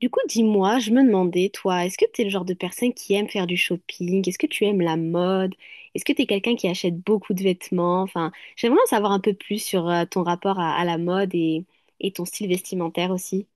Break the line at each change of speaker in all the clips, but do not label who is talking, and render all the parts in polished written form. Du coup, dis-moi, je me demandais, toi, est-ce que t'es le genre de personne qui aime faire du shopping? Est-ce que tu aimes la mode? Est-ce que t'es quelqu'un qui achète beaucoup de vêtements? Enfin, j'aimerais en savoir un peu plus sur ton rapport à la mode et ton style vestimentaire aussi.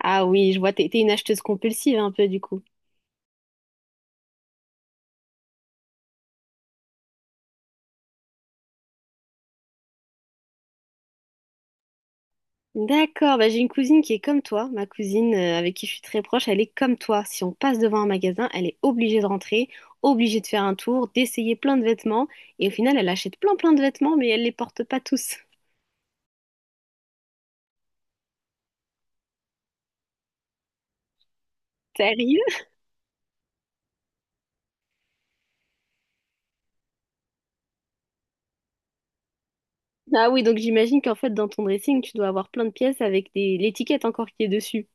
Ah oui, je vois, t'es une acheteuse compulsive un peu du coup. D'accord, bah j'ai une cousine qui est comme toi. Ma cousine avec qui je suis très proche, elle est comme toi. Si on passe devant un magasin, elle est obligée de rentrer, obligée de faire un tour, d'essayer plein de vêtements. Et au final, elle achète plein plein de vêtements, mais elle les porte pas tous. Sérieux? Ah oui, donc j'imagine qu'en fait, dans ton dressing, tu dois avoir plein de pièces avec des l'étiquette encore qui est dessus.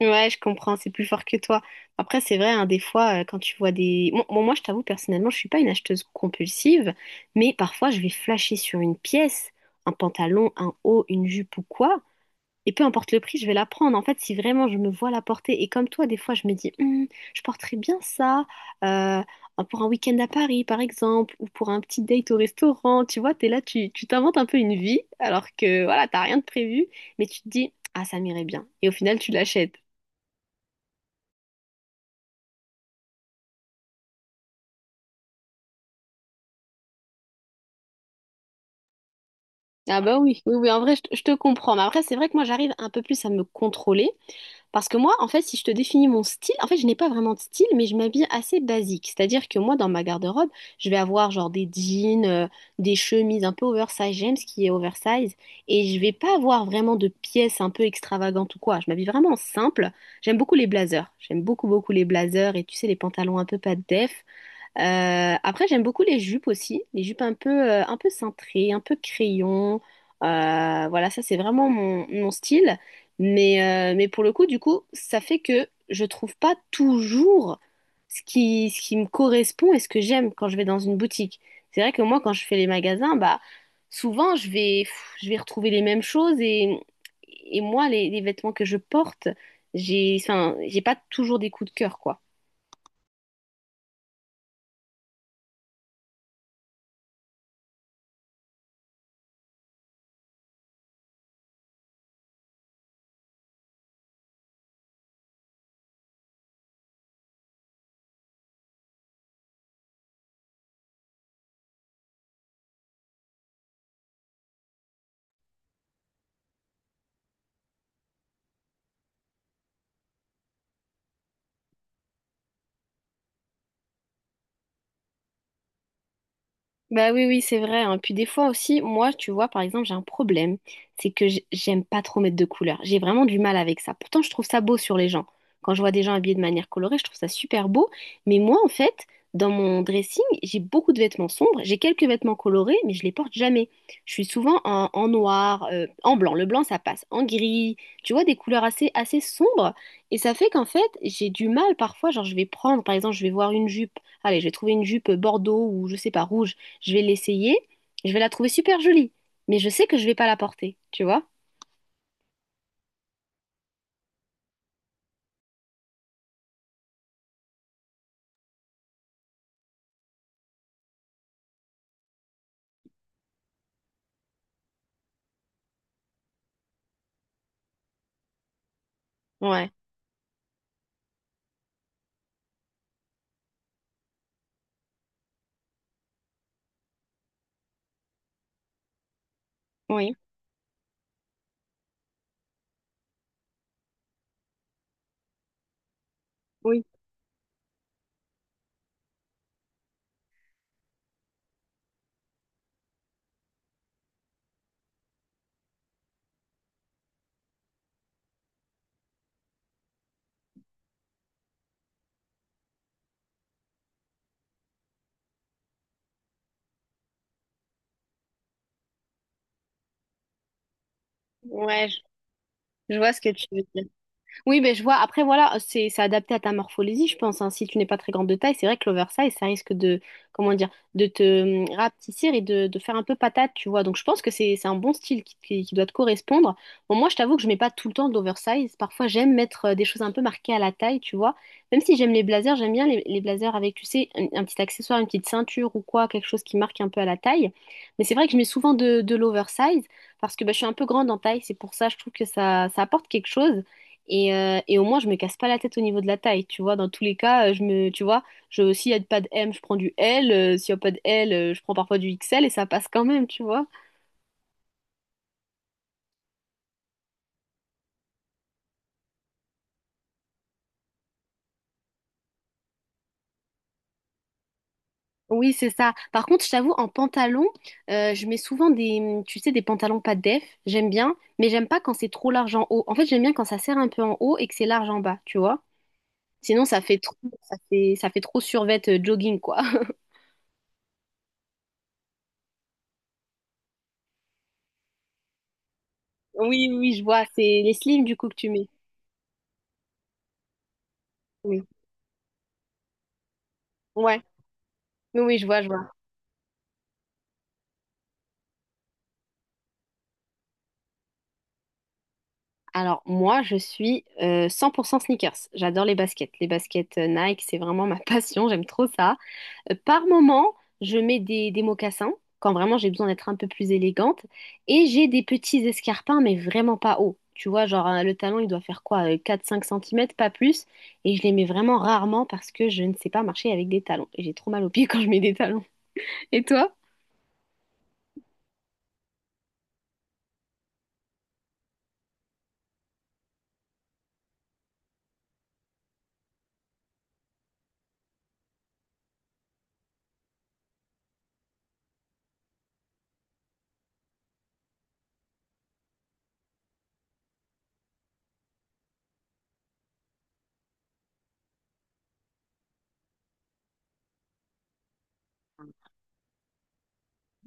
Ouais, je comprends, c'est plus fort que toi. Après, c'est vrai, hein, des fois, quand tu vois des Bon, bon, moi, je t'avoue, personnellement, je suis pas une acheteuse compulsive, mais parfois, je vais flasher sur une pièce, un pantalon, un haut, une jupe ou quoi, et peu importe le prix, je vais la prendre. En fait, si vraiment je me vois la porter, et comme toi, des fois, je me dis, hmm, je porterais bien ça euh, pour un week-end à Paris, par exemple, ou pour un petit date au restaurant. Tu vois, t'es là, tu t'inventes un peu une vie, alors que voilà, t'as rien de prévu, mais tu te dis, ah, ça m'irait bien. Et au final, tu l'achètes. Ah bah oui, oui, oui, en vrai, je te comprends. Mais après, c'est vrai que moi, j'arrive un peu plus à me contrôler. Parce que moi, en fait, si je te définis mon style, en fait, je n'ai pas vraiment de style, mais je m'habille assez basique. C'est-à-dire que moi, dans ma garde-robe, je vais avoir genre des jeans, des chemises un peu oversize. J'aime ce qui est oversize. Et je vais pas avoir vraiment de pièces un peu extravagantes ou quoi. Je m'habille vraiment simple. J'aime beaucoup les blazers. J'aime beaucoup, beaucoup les blazers et tu sais, les pantalons un peu pas de def. Après, j'aime beaucoup les jupes aussi, les jupes un peu cintrées, un peu crayon. Voilà, ça c'est vraiment mon, mon style. Mais pour le coup, du coup, ça fait que je trouve pas toujours ce qui me correspond et ce que j'aime quand je vais dans une boutique. C'est vrai que moi, quand je fais les magasins, bah, souvent je vais, pff, je vais retrouver les mêmes choses et moi, les vêtements que je porte, j'ai, enfin, j'ai pas toujours des coups de cœur, quoi. Bah oui, oui, c'est vrai, hein. Puis des fois aussi, moi, tu vois, par exemple, j'ai un problème, c'est que j'aime pas trop mettre de couleurs. J'ai vraiment du mal avec ça. Pourtant, je trouve ça beau sur les gens. Quand je vois des gens habillés de manière colorée, je trouve ça super beau. Mais moi, en fait, dans mon dressing, j'ai beaucoup de vêtements sombres. J'ai quelques vêtements colorés, mais je les porte jamais. Je suis souvent en noir, en blanc. Le blanc, ça passe. En gris, tu vois, des couleurs assez, assez sombres. Et ça fait qu'en fait, j'ai du mal parfois. Genre, je vais prendre, par exemple, je vais voir une jupe. Allez, je vais trouver une jupe bordeaux ou je sais pas, rouge, je vais l'essayer, je vais la trouver super jolie, mais je sais que je vais pas la porter, tu vois? Ouais. Oui. Oui. Ouais, je vois ce que tu veux dire. Oui, ben je vois. Après, voilà, c'est adapté à ta morphologie, je pense, hein. Si tu n'es pas très grande de taille, c'est vrai que l'oversize, ça risque de, comment dire, de te rapetisser et de faire un peu patate, tu vois. Donc, je pense que c'est un bon style qui doit te correspondre. Bon, moi, je t'avoue que je mets pas tout le temps de l'oversize. Parfois, j'aime mettre des choses un peu marquées à la taille, tu vois. Même si j'aime les blazers, j'aime bien les blazers avec, tu sais, un petit accessoire, une petite ceinture ou quoi, quelque chose qui marque un peu à la taille. Mais c'est vrai que je mets souvent de l'oversize parce que bah, je suis un peu grande en taille. C'est pour ça, je trouve que ça apporte quelque chose. Et au moins, je me casse pas la tête au niveau de la taille, tu vois. Dans tous les cas, je me, tu vois, je, s'il y a pas de M, je prends du L. S'il y a pas de L, je prends parfois du XL et ça passe quand même, tu vois. Oui, c'est ça. Par contre, je t'avoue, en pantalon, je mets souvent des, tu sais, des pantalons pas de def. J'aime bien, mais j'aime pas quand c'est trop large en haut. En fait, j'aime bien quand ça serre un peu en haut et que c'est large en bas, tu vois. Sinon, ça fait trop survêt jogging, quoi. Oui, oui, je vois. C'est les slims, du coup, que tu mets. Oui. Ouais. Oui, oui, je vois, je vois. Alors moi, je suis 100% sneakers. J'adore les baskets. Les baskets Nike, c'est vraiment ma passion. J'aime trop ça. Par moment, je mets des mocassins quand vraiment j'ai besoin d'être un peu plus élégante. Et j'ai des petits escarpins, mais vraiment pas hauts. Tu vois, genre le talon, il doit faire quoi? 4-5 cm, pas plus. Et je les mets vraiment rarement parce que je ne sais pas marcher avec des talons. Et j'ai trop mal aux pieds quand je mets des talons. Et toi?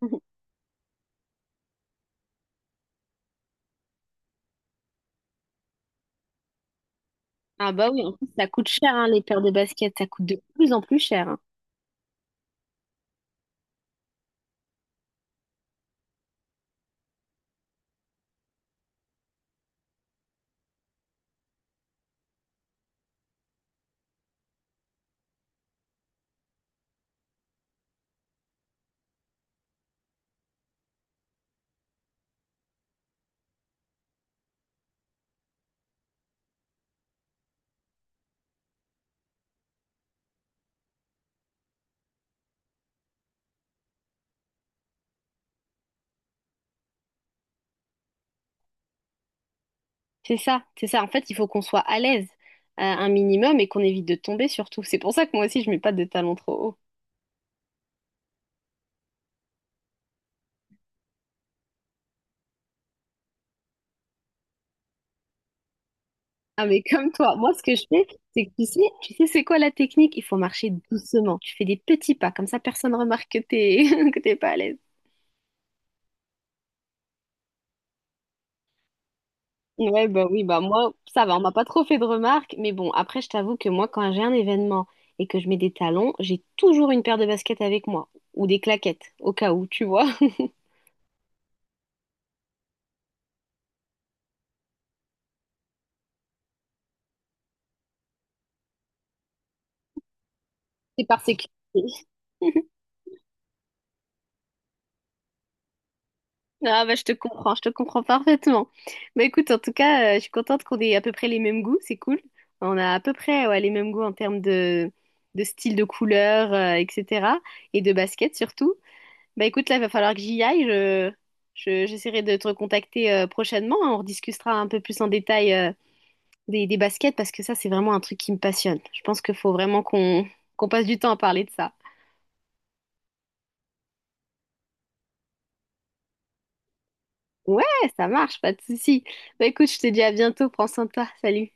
Ah bah oui, en plus, ça coûte cher, hein, les paires de baskets. Ça coûte de plus en plus cher, hein. C'est ça, c'est ça. En fait, il faut qu'on soit à l'aise un minimum et qu'on évite de tomber surtout. C'est pour ça que moi aussi, je mets pas de talons trop hauts. Ah, mais comme toi, moi, ce que je fais, c'est que tu sais, c'est quoi la technique? Il faut marcher doucement. Tu fais des petits pas, comme ça, personne remarque que t'es que t'es pas à l'aise. Ouais, bah oui, bah moi, ça va, on m'a pas trop fait de remarques, mais bon, après, je t'avoue que moi, quand j'ai un événement et que je mets des talons, j'ai toujours une paire de baskets avec moi ou des claquettes, au cas où, tu vois. C'est par sécurité. Ah bah je te comprends parfaitement. Bah écoute, en tout cas, je suis contente qu'on ait à peu près les mêmes goûts, c'est cool. On a à peu près ouais, les mêmes goûts en termes de style de couleur, etc. Et de basket surtout. Bah écoute, là, il va falloir que j'y aille. Je, j'essaierai de te recontacter prochainement, hein. On rediscutera un peu plus en détail des baskets parce que ça, c'est vraiment un truc qui me passionne. Je pense qu'il faut vraiment qu'on qu'on passe du temps à parler de ça. Ouais, ça marche, pas de souci. Bah écoute, je te dis à bientôt, prends soin de toi, salut.